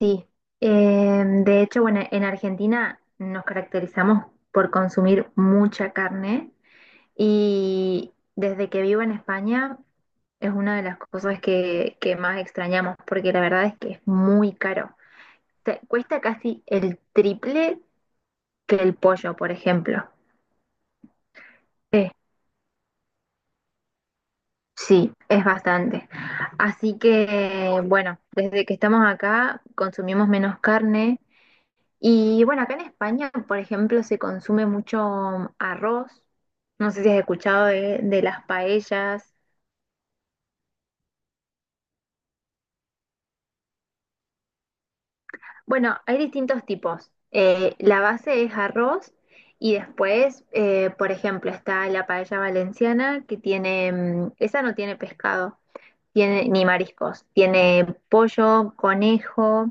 Sí. De hecho, bueno, en Argentina nos caracterizamos por consumir mucha carne y desde que vivo en España es una de las cosas que más extrañamos porque la verdad es que es muy caro. Te cuesta casi el triple que el pollo, por ejemplo. Eh, sí, es bastante. Así que, bueno, desde que estamos acá consumimos menos carne. Y bueno, acá en España, por ejemplo, se consume mucho arroz. No sé si has escuchado de las paellas. Bueno, hay distintos tipos. La base es arroz y después, por ejemplo, está la paella valenciana que tiene, esa no tiene pescado, tiene ni mariscos. Tiene pollo, conejo,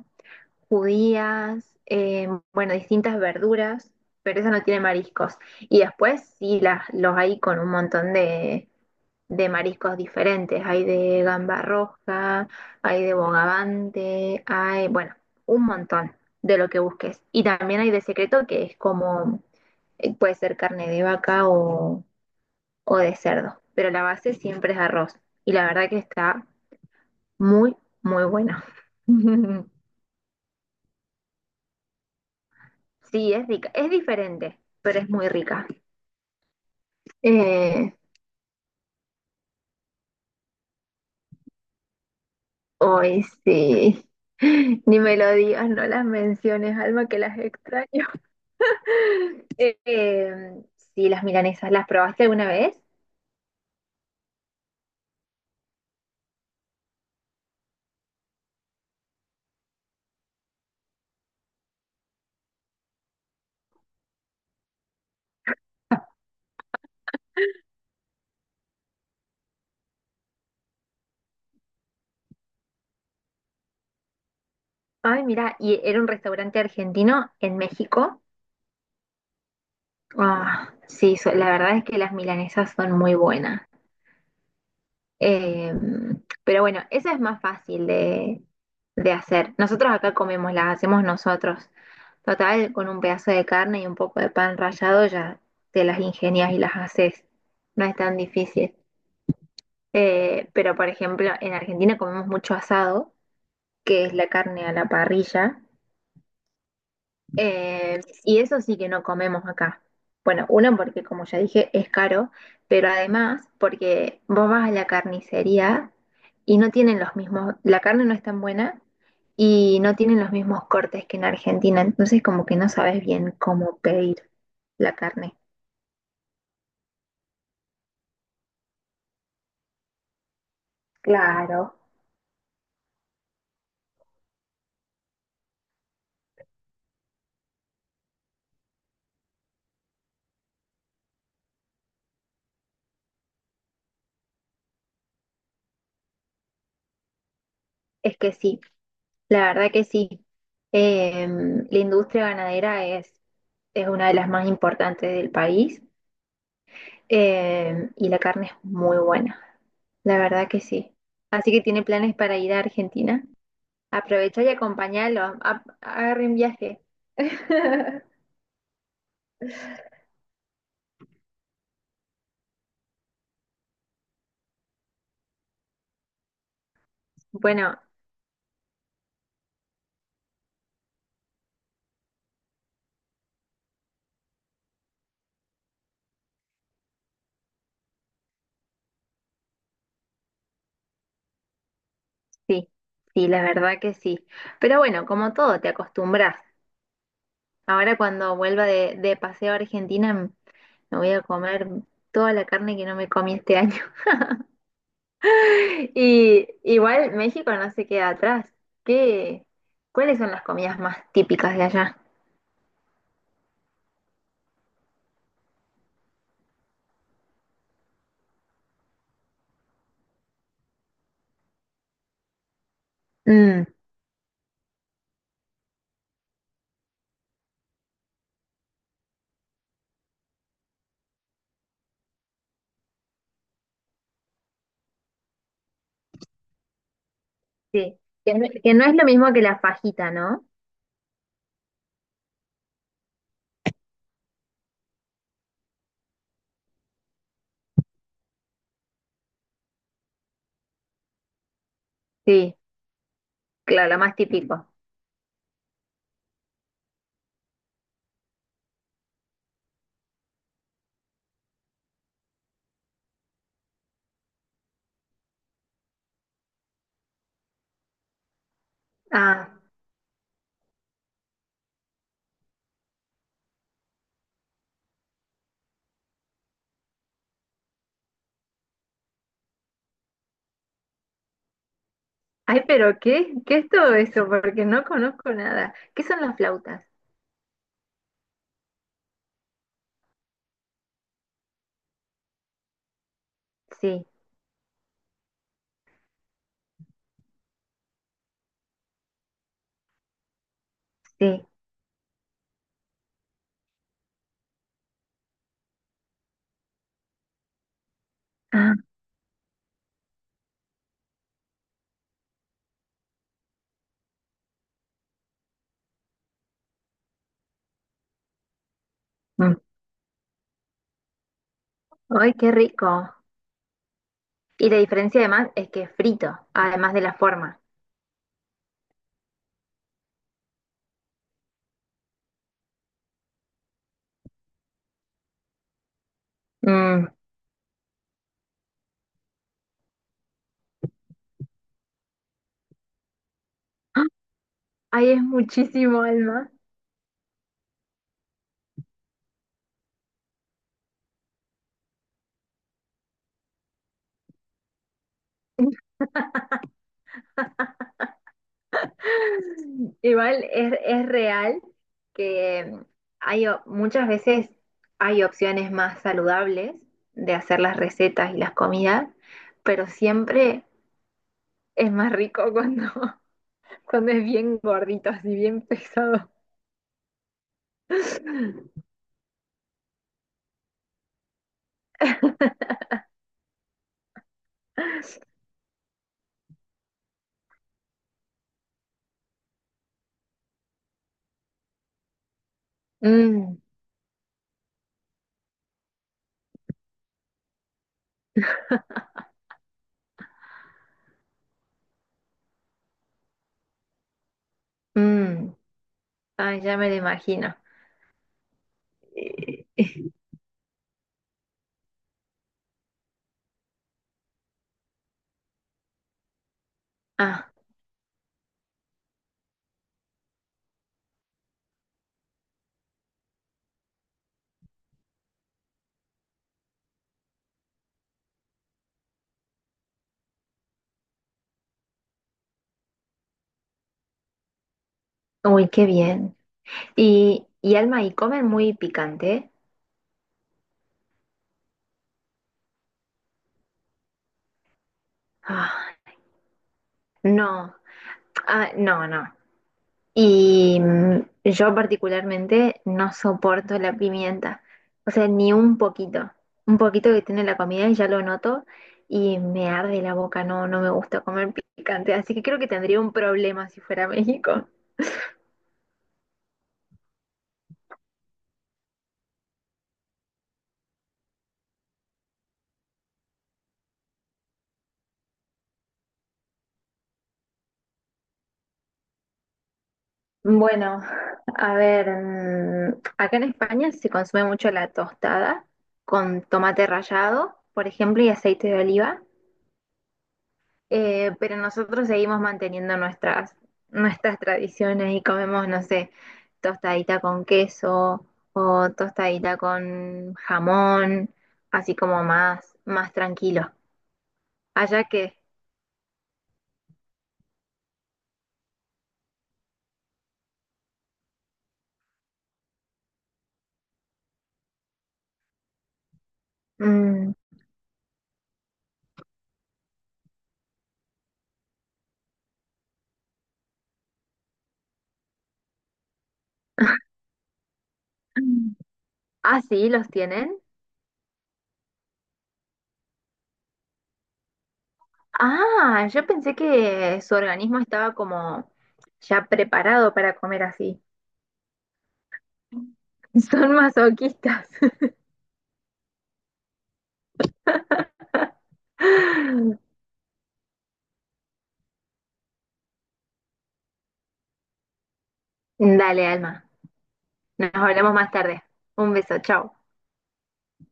judías, bueno, distintas verduras, pero esa no tiene mariscos. Y después sí, los hay con un montón de mariscos diferentes. Hay de gamba roja, hay de bogavante, hay, bueno, un montón de lo que busques. Y también hay de secreto que es como, puede ser carne de vaca o de cerdo, pero la base siempre es arroz. Y la verdad que está muy, muy buena. Sí, es rica, es diferente, pero es muy rica. Eh, hoy sí. Ni me lo digas, no las menciones, Alma, que las extraño. Eh, eh, sí, las milanesas, ¿las probaste alguna vez? Ay, mira, y era un restaurante argentino en México. Ah, sí, la verdad es que las milanesas son muy buenas. Eh, pero bueno, esa es más fácil de hacer. Nosotros acá comemos, las hacemos nosotros. Total, con un pedazo de carne y un poco de pan rallado ya te las ingenias y las haces. No es tan difícil. Pero por ejemplo, en Argentina comemos mucho asado, que es la carne a la parrilla. Y eso sí que no comemos acá. Bueno, uno porque como ya dije es caro, pero además porque vos vas a la carnicería y no tienen los mismos, la carne no es tan buena y no tienen los mismos cortes que en Argentina, entonces como que no sabes bien cómo pedir la carne. Claro. Es que sí, la verdad que sí. La industria ganadera es una de las más importantes del país, y la carne es muy buena. La verdad que sí. Así que tiene planes para ir a Argentina. Aprovecha y acompáñalo. Agarre un viaje. Bueno, sí, sí, la verdad que sí. Pero bueno, como todo, te acostumbras. Ahora cuando vuelva de paseo a Argentina, me voy a comer toda la carne que no me comí este año. Y igual México no se queda atrás. ¿Qué? ¿Cuáles son las comidas más típicas de allá? Mm, sí, que no es lo mismo que la fajita, ¿no? Sí. Claro, la más típico. Ah, ay, pero ¿qué? ¿Qué es todo eso? Porque no conozco nada. ¿Qué son las flautas? Sí, sí. Ah, mm. Ay, qué rico. Y la diferencia además es que es frito, además de la forma. Mm. Ah. Ay, es muchísimo, Alma. Igual es real que hay muchas veces hay opciones más saludables de hacer las recetas y las comidas, pero siempre es más rico cuando cuando es bien gordito, así bien pesado. Mm, mm. Ay, ya me lo imagino. Eh, ah, uy, qué bien. Y Alma, ¿y comen muy picante? Ah, no, ah, no, no. Y yo particularmente no soporto la pimienta. O sea, ni un poquito. Un poquito que tiene la comida y ya lo noto y me arde la boca. No, no me gusta comer picante. Así que creo que tendría un problema si fuera a México. Bueno, a ver, acá en España se consume mucho la tostada con tomate rallado, por ejemplo, y aceite de oliva, pero nosotros seguimos manteniendo nuestras tradiciones y comemos, no sé, tostadita con queso o tostadita con jamón, así como más, más tranquilo. Allá que... mm. Ah, sí, los tienen. Ah, yo pensé que su organismo estaba como ya preparado para comer así. Son masoquistas. Dale, Alma. Nos hablamos más tarde. Un beso, chao.